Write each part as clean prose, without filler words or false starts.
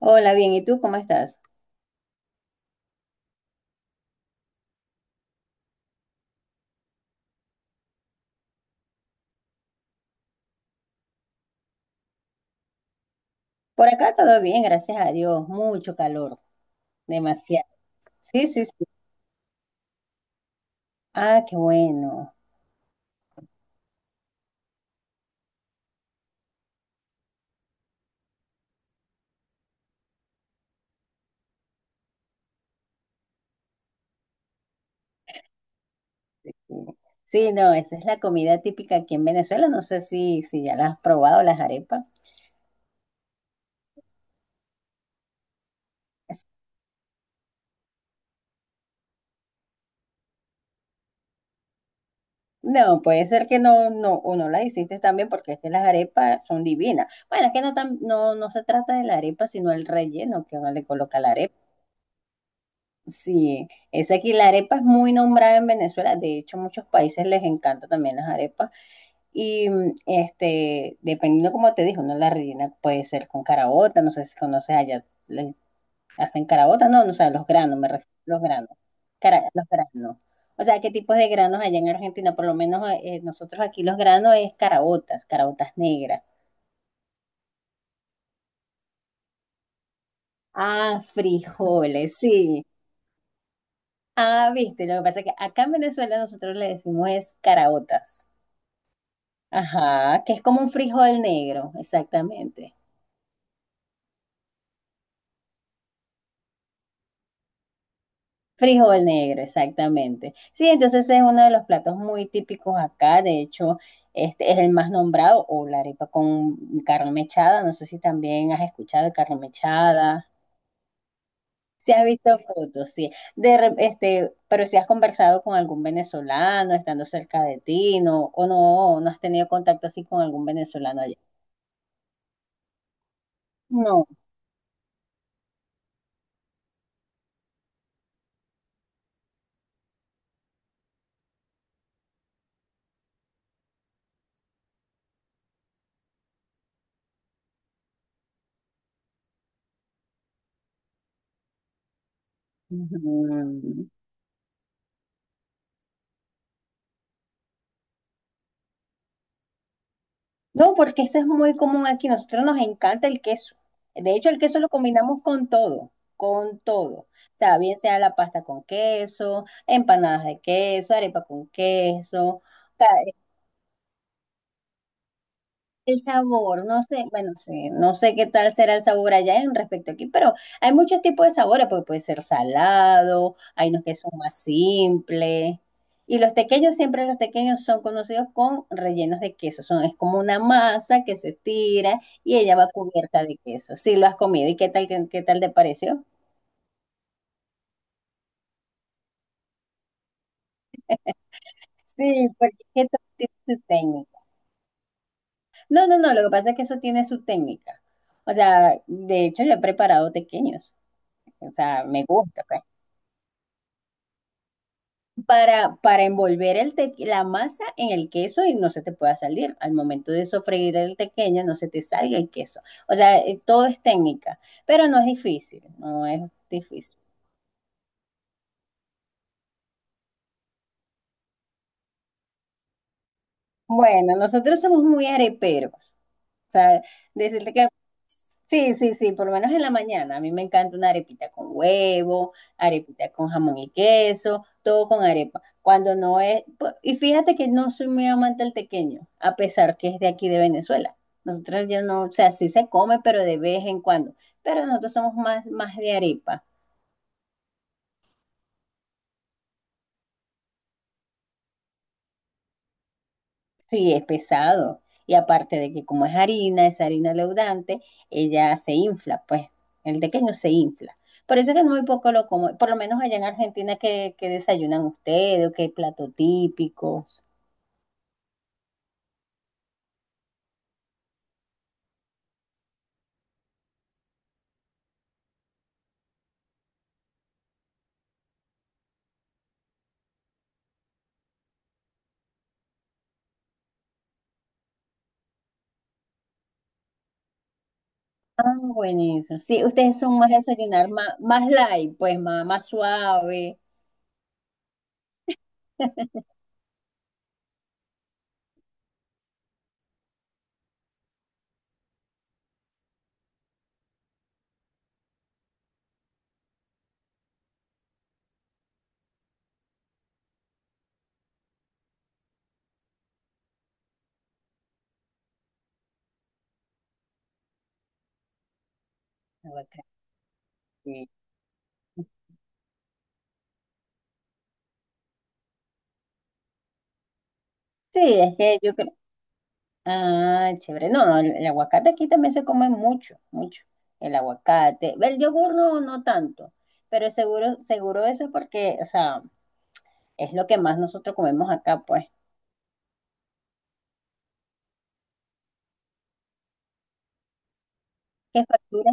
Hola, bien, ¿y tú cómo estás? Por acá todo bien, gracias a Dios. Mucho calor, demasiado. Sí, sí, sí. Ah, qué bueno. Sí, no, esa es la comida típica aquí en Venezuela. No sé si ya la has probado, las arepas. Es- No, puede ser que o no las hiciste también, porque es que las arepas son divinas. Bueno, es que no, no se trata de la arepa, sino el relleno que uno le coloca a la arepa. Sí, es aquí la arepa es muy nombrada en Venezuela. De hecho, muchos países les encanta también las arepas. Y dependiendo como te dijo, ¿no? La rellena puede ser con carabota, no sé si conoces allá, le hacen carabota, no, no, o sea, los granos, me refiero, los granos. O sea, ¿qué tipos de granos allá en Argentina? Por lo menos nosotros aquí los granos es caraotas negras. Ah, frijoles, sí. Ah, viste, lo que pasa es que acá en Venezuela nosotros le decimos es caraotas. Ajá, que es como un frijol negro, exactamente. Frijol negro, exactamente. Sí, entonces es uno de los platos muy típicos acá. De hecho, este es el más nombrado, o la arepa con carne mechada, no sé si también has escuchado de carne mechada, si has visto fotos, sí, pero si has conversado con algún venezolano estando cerca de ti, no, o no has tenido contacto así con algún venezolano allá. No. Ujú. No, porque ese es muy común aquí. Nosotros nos encanta el queso. De hecho, el queso lo combinamos con todo, con todo. O sea, bien sea la pasta con queso, empanadas de queso, arepa con queso, el sabor, no sé, bueno, sí, no sé qué tal será el sabor allá en respecto aquí, pero hay muchos tipos de sabores, porque puede ser salado, hay unos que son más simples. Y los tequeños, siempre los tequeños son conocidos con rellenos de queso. Es como una masa que se tira y ella va cubierta de queso. Sí, lo has comido. ¿Y qué tal, qué tal te pareció? Sí, porque es que todo tiene su técnica. No, no, no, lo que pasa es que eso tiene su técnica. O sea, de hecho, yo he preparado tequeños. O sea, me gusta, pues. Para envolver la masa en el queso y no se te pueda salir. Al momento de sofreír el tequeño, no se te salga el queso. O sea, todo es técnica, pero no es difícil, no es difícil. Bueno, nosotros somos muy areperos. O sea, decirte que sí, sí, sí, por lo menos en la mañana. A mí me encanta una arepita con huevo, arepita con jamón y queso, todo con arepa. Cuando no es, y fíjate que no soy muy amante del tequeño, a pesar que es de aquí de Venezuela. Nosotros ya no, o sea, sí se come, pero de vez en cuando. Pero nosotros somos más, más de arepa. Sí, es pesado. Y aparte de que como es harina leudante, ella se infla, pues el tequeño se infla. Por eso es que muy poco lo como. Por lo menos allá en Argentina, que desayunan ustedes, o qué plato típicos. Ah, buenísimo. Sí, ustedes son más desayunar más, más light, pues más, más suave. Aguacate. Sí, es que yo creo. Ah, chévere. No, no, el aguacate aquí también se come mucho, mucho. El aguacate. El yogur no, no tanto, pero seguro, seguro eso es porque, o sea, es lo que más nosotros comemos acá, pues. ¿Qué factura?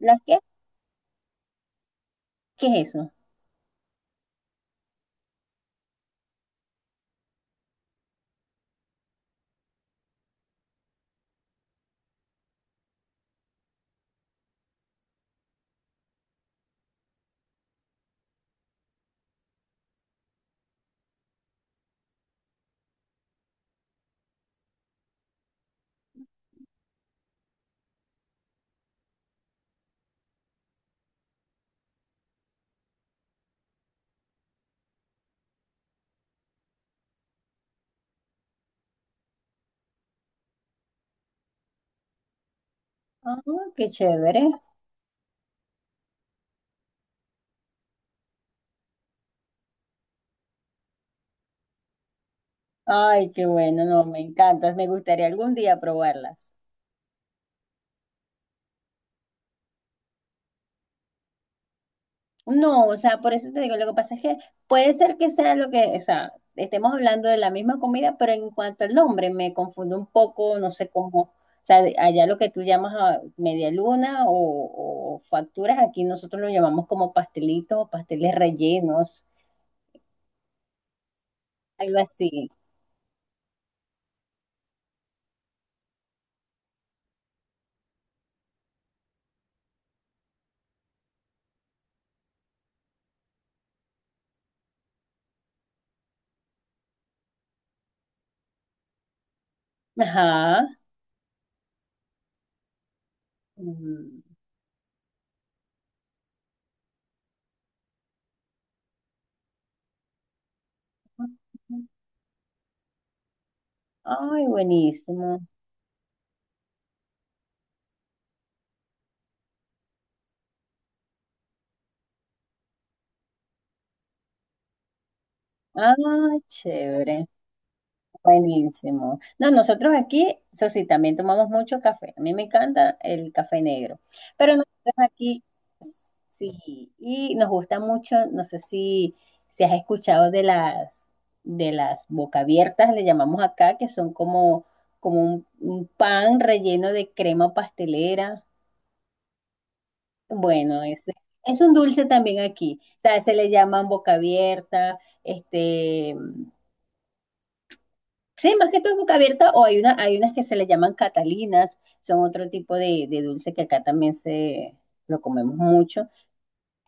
¿Las qué? ¿Qué es eso? Ah, qué chévere. Ay, qué bueno, no, me encantas. Me gustaría algún día probarlas. No, o sea, por eso te digo, lo que pasa es que puede ser que sea lo que, o sea, estemos hablando de la misma comida, pero en cuanto al nombre me confundo un poco, no sé cómo, o sea, allá lo que tú llamas ah, media luna o facturas, aquí nosotros lo llamamos como pastelitos o pasteles rellenos, algo así. Ajá. Mm. Ay, buenísimo. Ah, chévere. Buenísimo. No, nosotros aquí, eso sí, también tomamos mucho café. A mí me encanta el café negro. Pero nosotros aquí, sí, y nos gusta mucho, no sé si has escuchado de de las boca abiertas, le llamamos acá, que son como, como un pan relleno de crema pastelera. Bueno, es un dulce también aquí. O sea, se le llaman boca abierta, este. Sí, más que todo es boca abierta, o hay una, hay unas que se le llaman catalinas, son otro tipo de dulce que acá también se lo comemos mucho,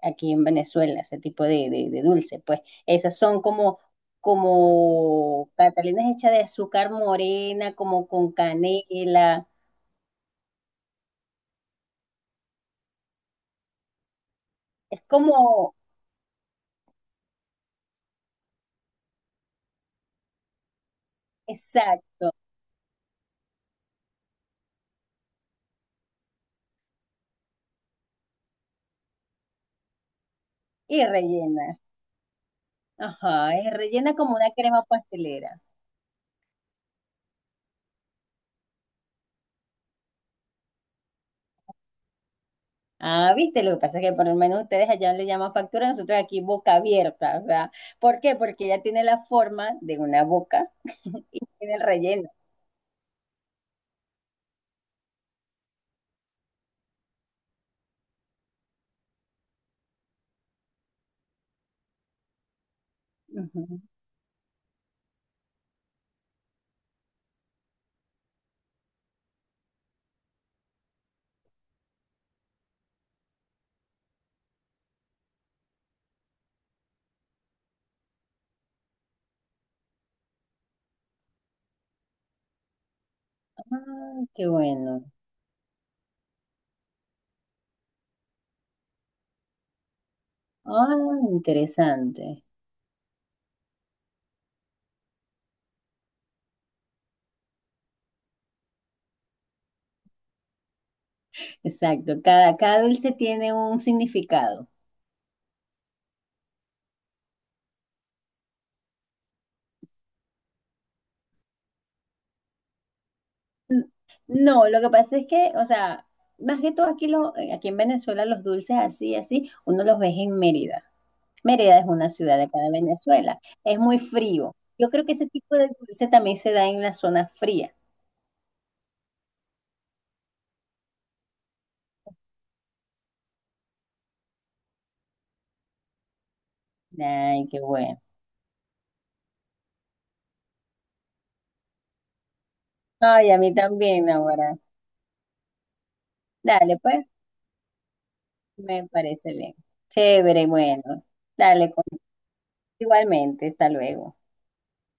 aquí en Venezuela, ese tipo de, de dulce, pues esas son como, como catalinas hechas de azúcar morena, como con canela, es como, exacto, y rellena, ajá, es rellena como una crema pastelera. Ah, viste, lo que pasa es que por lo menos ustedes allá le llaman factura, nosotros aquí boca abierta, o sea, ¿por qué? Porque ella tiene la forma de una boca, tiene el relleno. Ujú. Ah, qué bueno. Ah, interesante. Exacto, cada, cada dulce tiene un significado. N- No, lo que pasa es que, o sea, más que todo aquí, aquí en Venezuela los dulces así, así, uno los ve en Mérida. Mérida es una ciudad de acá de Venezuela. Es muy frío. Yo creo que ese tipo de dulce también se da en la zona fría. Ay, qué bueno. Ay, a mí también ahora. Dale, pues, me parece bien. Chévere, bueno. Dale, igualmente, hasta luego.